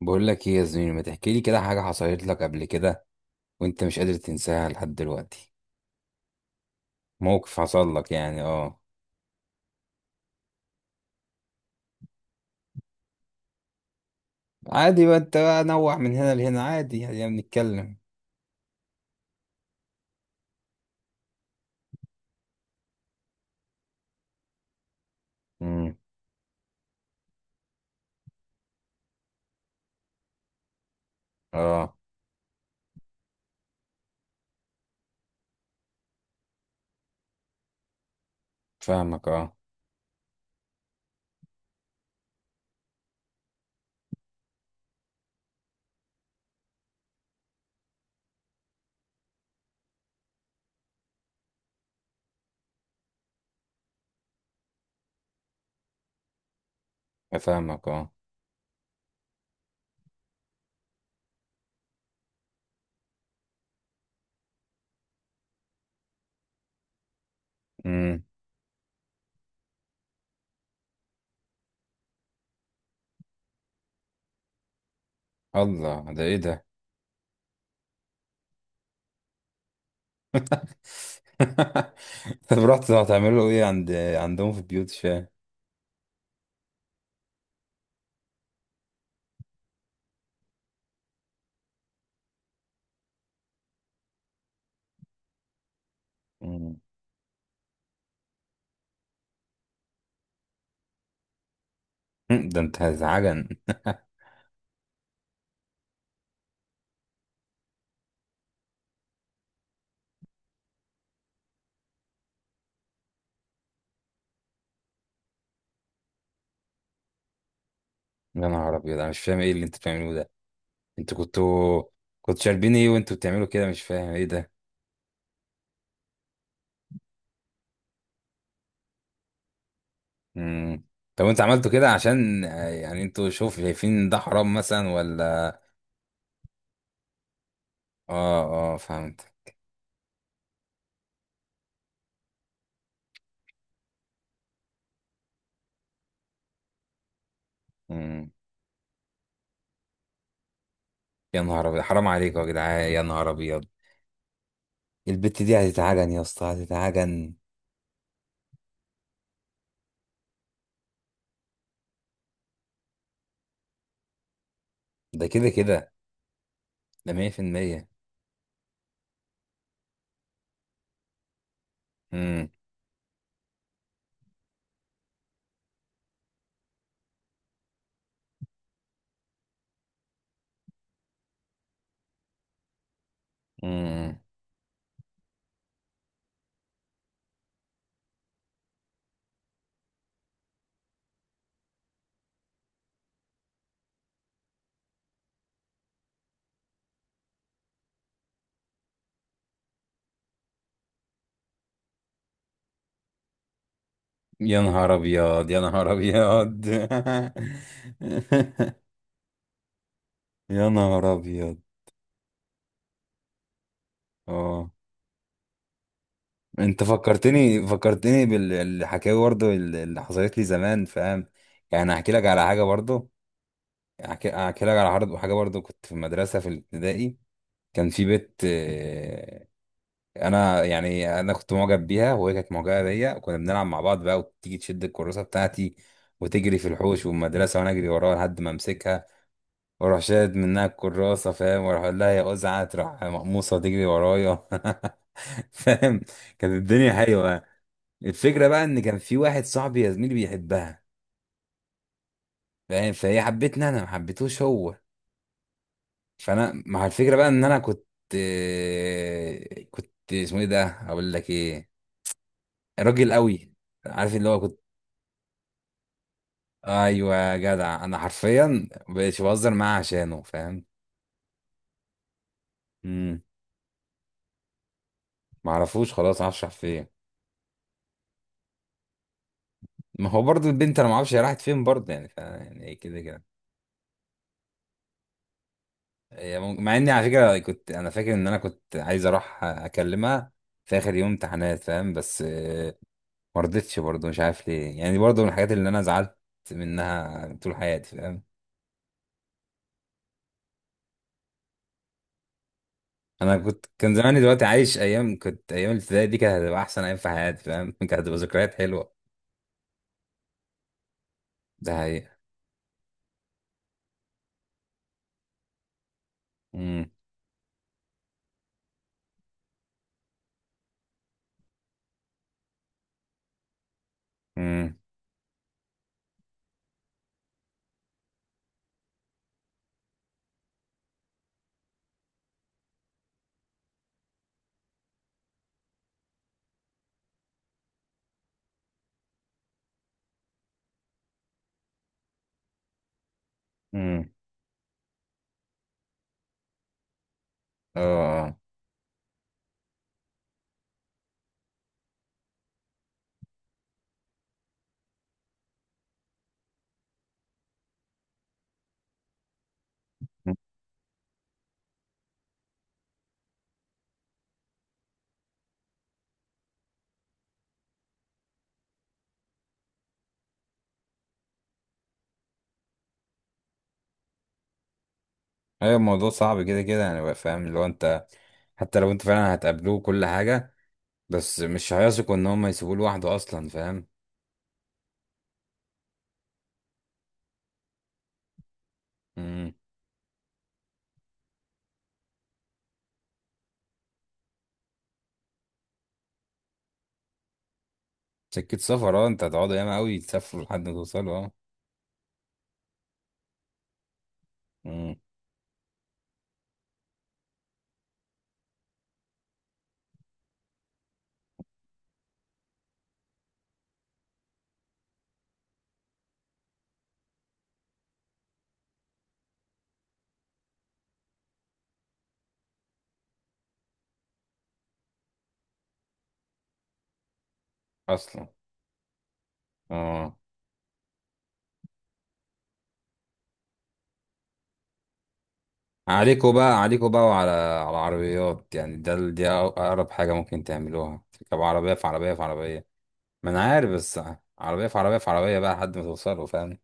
بقول لك ايه يا زميلي، ما تحكي لي كده حاجة حصلت لك قبل كده وانت مش قادر تنساها لحد دلوقتي؟ موقف حصل لك يعني، اه. عادي بقى، انت بقى نوع من هنا لهنا، عادي يعني بنتكلم. امم اه. فاهمك اه. فاهمك اه. امم الله، ده ايه ده؟ طب رحت هتعملوا ايه عندهم في البيوت؟ مش فاهم. مم. ده انت هزعجن. يا نهار ابيض، انا مش فاهم ايه اللي انتوا بتعملوه ده. انتوا كنتوا شاربين ايه وانتوا بتعملوا كده؟ مش فاهم ايه ده. مم. طب انتوا عملتوا كده عشان، يعني انتوا شوف، شايفين ده حرام مثلا ولا؟ اه اه، فهمت. مم. يا نهار ابيض، حرام عليكم يا جدعان، يا نهار ابيض. البت دي هتتعجن يا اسطى، هتتعجن. ده كده كده، ده 100%. امم. امم. يا نهار ابيض، يا نهار ابيض. يا نهار ابيض. اه، انت فكرتني، فكرتني بالحكايه برضه اللي حصلت لي زمان، فاهم؟ يعني هحكي لك على حاجه برضه. أحكي، أحكي لك على عرض وحاجة برضو كنت في المدرسة في الابتدائي. كان في بنت، أنا يعني، أنا كنت معجب بيها وهي كانت معجبة بيا، وكنا بنلعب مع بعض بقى، وتيجي تشد الكراسة بتاعتي وتجري في الحوش والمدرسة، وأنا أجري وراها لحد ما أمسكها وأروح شاد منها الكراسة، فاهم؟ وأروح أقول لها يا أزعة، تروح مقموصة تجري ورايا. فاهم؟ كانت الدنيا حلوة. الفكرة بقى، إن كان في واحد صاحبي يا زميلي بيحبها، فاهم؟ فهي حبتني، أنا ما حبيتهوش هو. فانا مع الفكره بقى ان انا كنت، كنت اسمه ايه ده، اقول لك ايه، راجل قوي. عارف اللي هو كنت. ايوه يا جدع، انا حرفيا مبقتش بهزر معاه عشانه، فاهم؟ امم. ما اعرفوش، خلاص معرفش راح فين. ما هو برضو البنت انا ما اعرفش هي راحت فين برضه يعني. يعني إيه؟ كده كده. مع اني على فكره كنت انا فاكر ان انا كنت عايز اروح اكلمها في اخر يوم امتحانات، فاهم؟ بس، ما رضتش برضه، مش عارف ليه يعني، برضه من الحاجات اللي انا زعلت منها طول حياتي، فاهم؟ انا كنت، كان زماني دلوقتي عايش ايام، كنت ايام الابتدائي دي كانت هتبقى احسن ايام في حياتي، فاهم؟ كانت هتبقى ذكريات حلوه. ده حقيقة. امم. امم. امم. اه، آه. مم. ايوه الموضوع صعب كده كده يعني بقى، فاهم؟ اللي هو انت حتى لو انت فعلا هتقابلوه كل حاجه، بس مش هيثقوا ان هم يسيبوه لوحده اصلا، فاهم؟ امم. سكه سفر، اه. انت هتقعدوا ياما قوي، تسافروا لحد ما توصلوا، اه. امم. اصلا، اه. عليكوا بقى، عليكوا بقى، وعلى العربيات يعني، دي أقرب حاجة ممكن تعملوها، تركب عربية في عربية في عربية. ما أنا عارف، بس عربية في عربية في عربية بقى لحد ما توصلوا، فاهم؟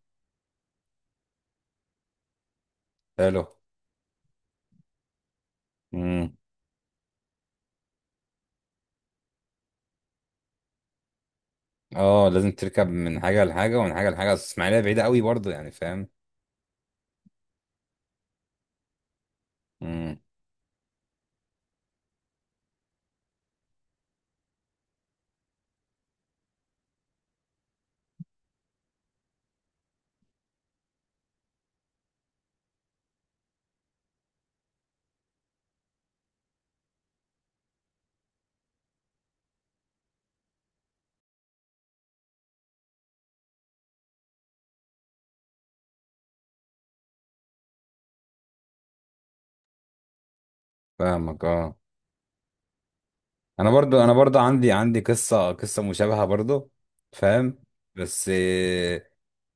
حلو. امم. اه لازم تركب من حاجة لحاجة ومن حاجة لحاجة، أصل إسماعيلية بعيدة قوي برضه يعني، فاهم؟ امم. فاهمك اه. انا برضو، انا برضو عندي، عندي قصه، قصه مشابهه برضو، فاهم؟ بس،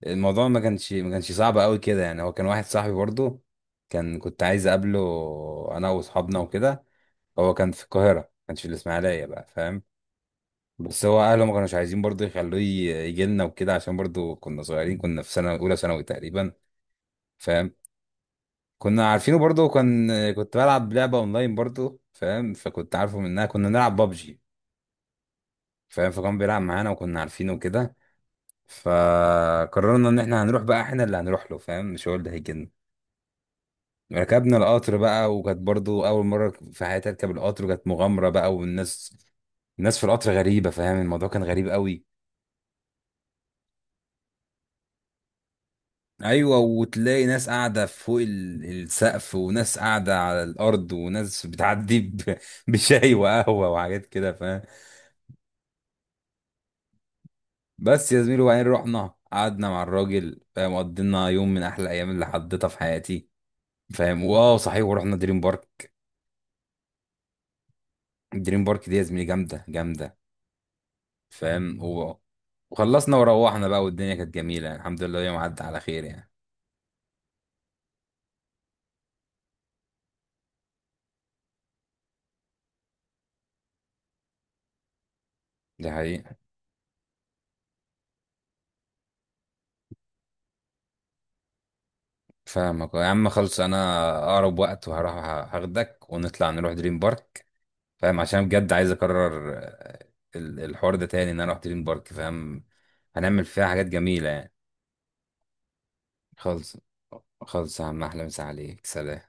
الموضوع ما كانش صعب قوي كده يعني. هو كان واحد صاحبي برضو، كان كنت عايز اقابله، انا واصحابنا وكده. هو كان في القاهره، ما كانش في الاسماعيليه بقى، فاهم؟ بس هو اهله ما كانوش عايزين برضو يخلوه يجي لنا وكده، عشان برضو كنا صغيرين، كنا في سنه اولى ثانوي تقريبا، فاهم؟ كنا عارفينه برضو، كان كنت بلعب لعبه اونلاين برضو، فاهم؟ فكنت عارفه منها، كنا نلعب بابجي، فاهم؟ فكان بيلعب معانا وكنا عارفينه كده. فقررنا ان احنا هنروح بقى، احنا اللي هنروح له، فاهم؟ مش هو اللي هيجيلنا. ركبنا القطر بقى، وكانت برضو اول مره في حياتي اركب القطر، وكانت مغامره بقى. والناس، الناس في القطر غريبه، فاهم؟ الموضوع كان غريب قوي. ايوه، وتلاقي ناس قاعده فوق السقف، وناس قاعده على الارض، وناس بتعدي بشاي وقهوه وحاجات كده، فاهم؟ بس يا زميلي وبعدين رحنا قعدنا مع الراجل، فاهم؟ قضينا يوم من احلى ايام اللي حضيتها في حياتي، فاهم؟ واه صحيح، ورحنا دريم بارك. دريم بارك دي يا زميلي جامده، جامده، فاهم؟ وخلصنا وروحنا بقى، والدنيا كانت جميله يعني، الحمد لله يوم عدى على خير يعني. دي حقيقه. فاهمك يا عم. خلص، انا اقرب وقت وهروح، هاخدك ونطلع نروح دريم بارك، فاهم؟ عشان بجد عايز اكرر، الحوار ده تاني، ان انا اروح دريم بارك، فاهم؟ هنعمل فيها حاجات جميله يعني. خلص، خلص يا عم، احلى مسا عليك، سلام.